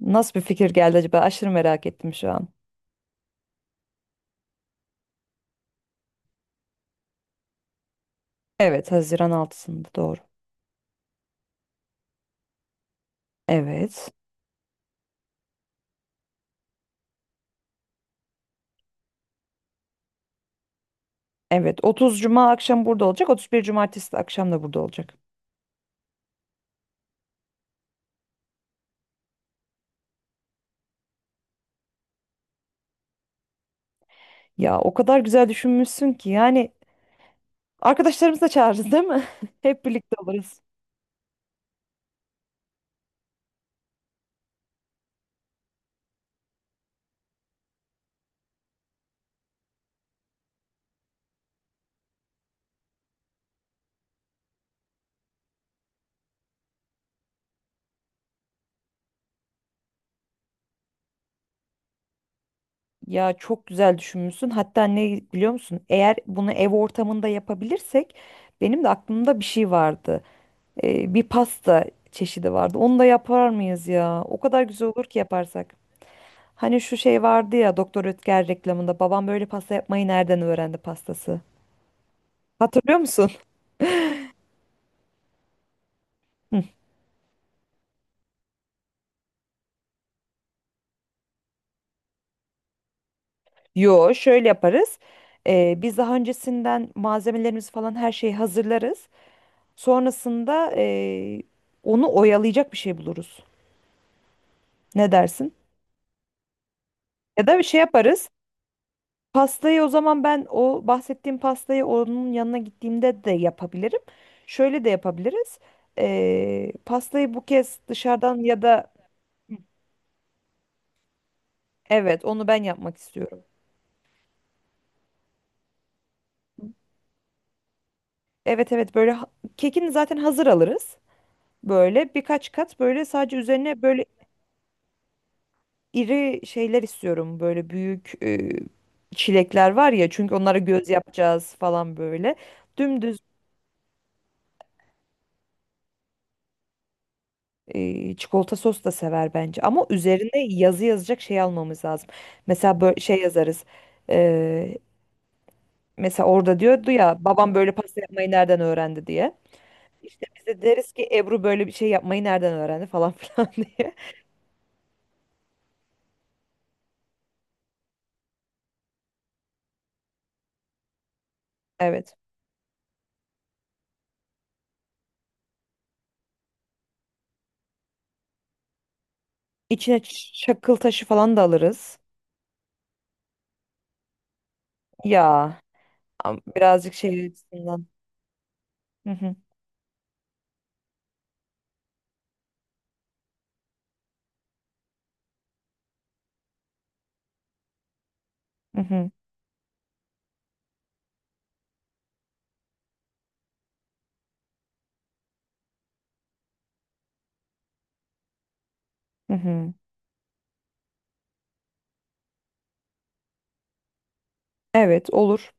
Nasıl bir fikir geldi acaba? Aşırı merak ettim şu an. Evet, Haziran 6'sında doğru. Evet. Evet, 30 Cuma akşam burada olacak. 31 Cumartesi de akşam da burada olacak. Ya o kadar güzel düşünmüşsün ki yani arkadaşlarımızı da çağırırız değil mi? Hep birlikte oluruz. Ya çok güzel düşünmüşsün. Hatta ne biliyor musun? Eğer bunu ev ortamında yapabilirsek benim de aklımda bir şey vardı. Bir pasta çeşidi vardı. Onu da yapar mıyız ya? O kadar güzel olur ki yaparsak. Hani şu şey vardı ya Doktor Ötker reklamında babam böyle pasta yapmayı nereden öğrendi pastası? Hatırlıyor musun? Hı. Yo, şöyle yaparız. Biz daha öncesinden malzemelerimizi falan her şeyi hazırlarız. Sonrasında onu oyalayacak bir şey buluruz. Ne dersin? Ya da bir şey yaparız. Pastayı o zaman ben o bahsettiğim pastayı onun yanına gittiğimde de yapabilirim. Şöyle de yapabiliriz. Pastayı bu kez dışarıdan ya da. Evet, onu ben yapmak istiyorum. Evet, evet, böyle kekini zaten hazır alırız. Böyle birkaç kat böyle sadece üzerine böyle iri şeyler istiyorum. Böyle büyük çilekler var ya çünkü onlara göz yapacağız falan böyle. Dümdüz. Çikolata sos da sever bence. Ama üzerine yazı yazacak şey almamız lazım. Mesela böyle şey yazarız. Ee, mesela orada diyordu ya babam böyle pasta yapmayı nereden öğrendi diye. İşte biz de deriz ki Ebru böyle bir şey yapmayı nereden öğrendi falan filan diye. Evet. İçine çakıl taşı falan da alırız. Ya birazcık şey açısından. Hı hı, hı hı, hı hı. Evet, olur.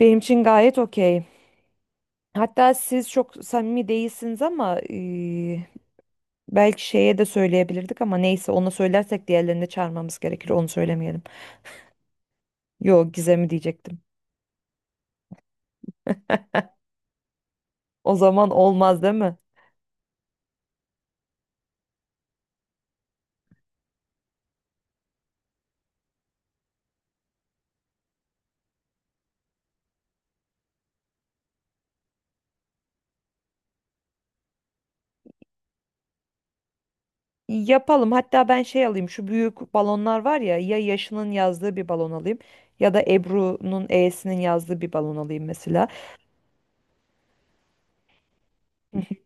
Benim için gayet okey. Hatta siz çok samimi değilsiniz ama belki şeye de söyleyebilirdik ama neyse ona söylersek diğerlerini de çağırmamız gerekir. Onu söylemeyelim. Yo, Gizem'i diyecektim. O zaman olmaz değil mi? Yapalım. Hatta ben şey alayım. Şu büyük balonlar var ya, ya Yaşı'nın yazdığı bir balon alayım ya da Ebru'nun E'sinin yazdığı bir balon alayım mesela. Hı hı.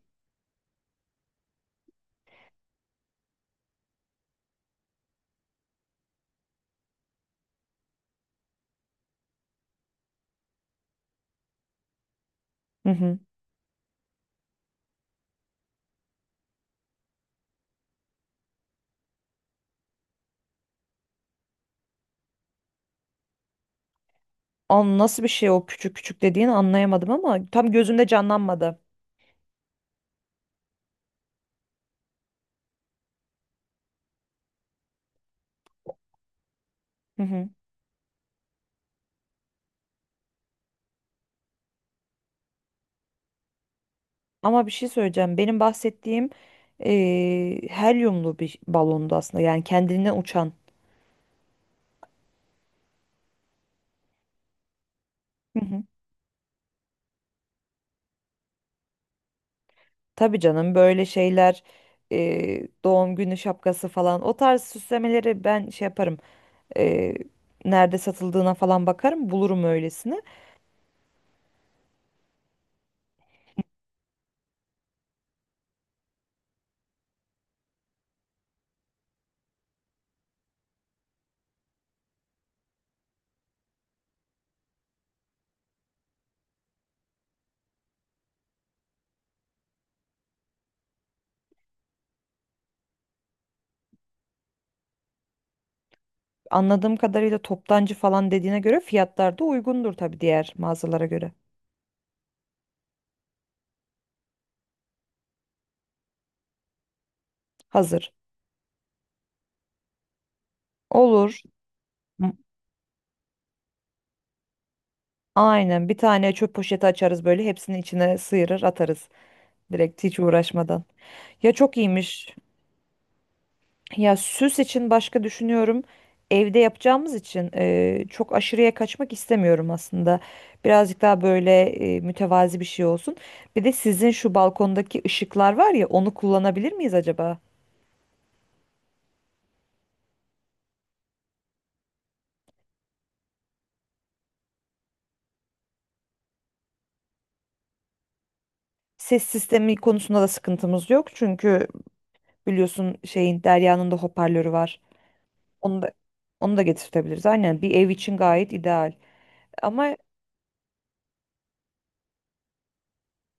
Hı hı. An, nasıl bir şey o küçük küçük dediğini anlayamadım ama tam gözümde canlanmadı. Hı hı. Ama bir şey söyleyeceğim. Benim bahsettiğim helyumlu bir balondu aslında. Yani kendinden uçan. Hı hı. Tabii canım, böyle şeyler, doğum günü şapkası falan, o tarz süslemeleri ben şey yaparım. e, Nerede satıldığına falan bakarım, bulurum öylesini. Anladığım kadarıyla toptancı falan dediğine göre fiyatlar da uygundur tabii diğer mağazalara göre. Hazır. Olur. M- Aynen, bir tane çöp poşeti açarız böyle, hepsini içine sıyırır atarız. Direkt hiç uğraşmadan. Ya çok iyiymiş. Ya süs için başka düşünüyorum. Evde yapacağımız için çok aşırıya kaçmak istemiyorum aslında. Birazcık daha böyle mütevazi bir şey olsun. Bir de sizin şu balkondaki ışıklar var ya, onu kullanabilir miyiz acaba? Ses sistemi konusunda da sıkıntımız yok. Çünkü biliyorsun şeyin, Derya'nın da hoparlörü var. Onu da onu da getirtebiliriz. Aynen, bir ev için gayet ideal. Ama.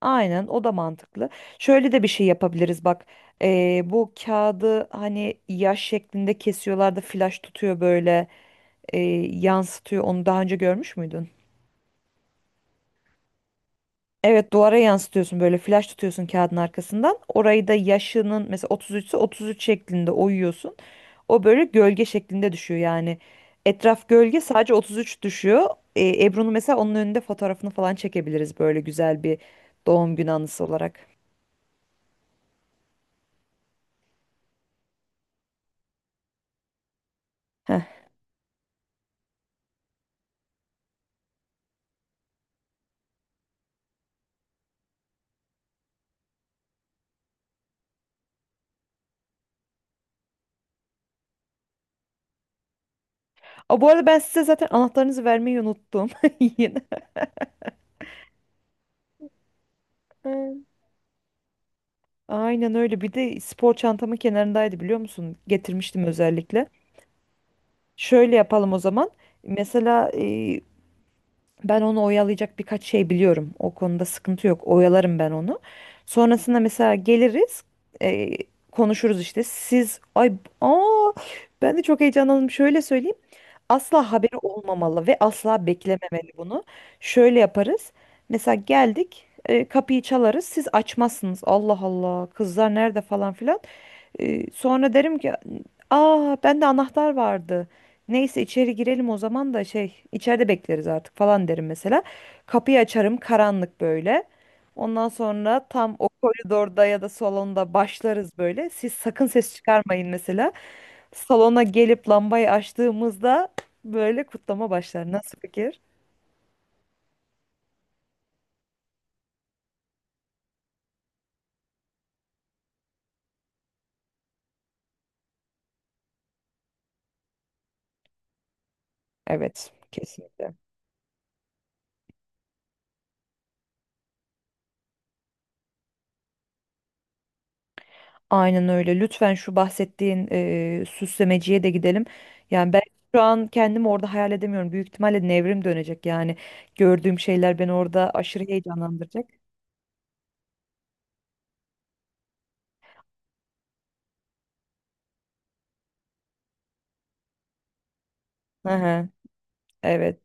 Aynen, o da mantıklı. Şöyle de bir şey yapabiliriz bak. Bu kağıdı hani yaş şeklinde kesiyorlar da flaş tutuyor böyle, yansıtıyor. Onu daha önce görmüş müydün? Evet, duvara yansıtıyorsun, böyle flaş tutuyorsun kağıdın arkasından. Orayı da yaşının mesela 33 ise 33 şeklinde oyuyorsun. O böyle gölge şeklinde düşüyor yani. Etraf gölge, sadece 33 düşüyor. Ebru'nun mesela onun önünde fotoğrafını falan çekebiliriz böyle, güzel bir doğum günü anısı olarak. Aa, bu arada ben size zaten anahtarınızı vermeyi unuttum. Yine. Hı. Aynen öyle. Bir de spor çantamın kenarındaydı biliyor musun? Getirmiştim özellikle. Şöyle yapalım o zaman. Mesela ben onu oyalayacak birkaç şey biliyorum. O konuda sıkıntı yok. Oyalarım ben onu. Sonrasında mesela geliriz. e, Konuşuruz işte. Siz, ay, aa, ben de çok heyecanlandım. Şöyle söyleyeyim. Asla haberi olmamalı ve asla beklememeli bunu. Şöyle yaparız. Mesela geldik, kapıyı çalarız, siz açmazsınız. Allah Allah, kızlar nerede falan filan. Sonra derim ki aa, bende anahtar vardı. Neyse, içeri girelim o zaman, da şey, içeride bekleriz artık falan derim mesela. Kapıyı açarım, karanlık böyle. Ondan sonra tam o koridorda ya da salonda başlarız böyle. Siz sakın ses çıkarmayın mesela. Salona gelip lambayı açtığımızda böyle kutlama başlar. Nasıl fikir? Evet, kesinlikle. Aynen öyle. Lütfen şu bahsettiğin süslemeciye de gidelim. Yani ben şu an kendimi orada hayal edemiyorum. Büyük ihtimalle nevrim dönecek yani. Gördüğüm şeyler beni orada aşırı heyecanlandıracak. Hı hı. Evet.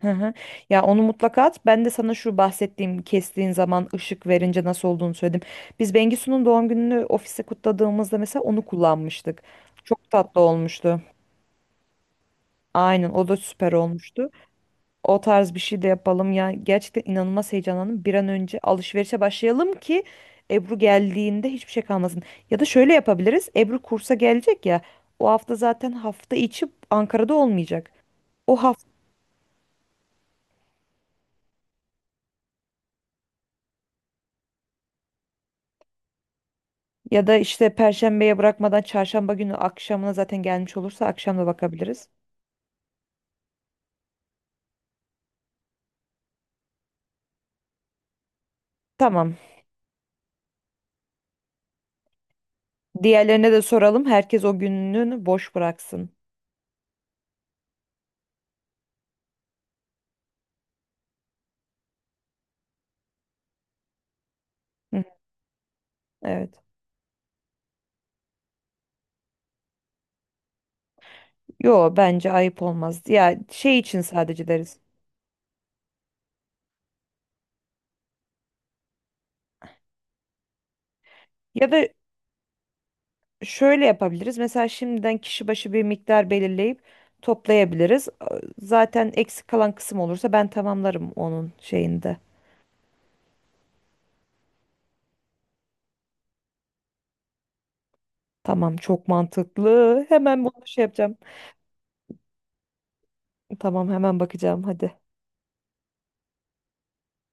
Hı hı. Ya onu mutlaka at. Ben de sana şu bahsettiğim kestiğin zaman ışık verince nasıl olduğunu söyledim. Biz Bengisu'nun doğum gününü ofiste kutladığımızda mesela onu kullanmıştık. Çok tatlı olmuştu. Aynen, o da süper olmuştu. O tarz bir şey de yapalım. Ya gerçekten inanılmaz heyecanlandım. Bir an önce alışverişe başlayalım ki Ebru geldiğinde hiçbir şey kalmasın. Ya da şöyle yapabiliriz. Ebru kursa gelecek ya. O hafta zaten hafta içi Ankara'da olmayacak. O hafta, ya da işte, Perşembeye bırakmadan Çarşamba günü akşamına zaten gelmiş olursa akşam da bakabiliriz. Tamam. Diğerlerine de soralım. Herkes o gününü boş bıraksın. Hı, evet. Yo, bence ayıp olmaz. Ya şey için sadece deriz. Ya da şöyle yapabiliriz. Mesela şimdiden kişi başı bir miktar belirleyip toplayabiliriz. Zaten eksik kalan kısım olursa ben tamamlarım onun şeyinde. Tamam, çok mantıklı. Hemen bunu şey yapacağım. Tamam, hemen bakacağım. Hadi.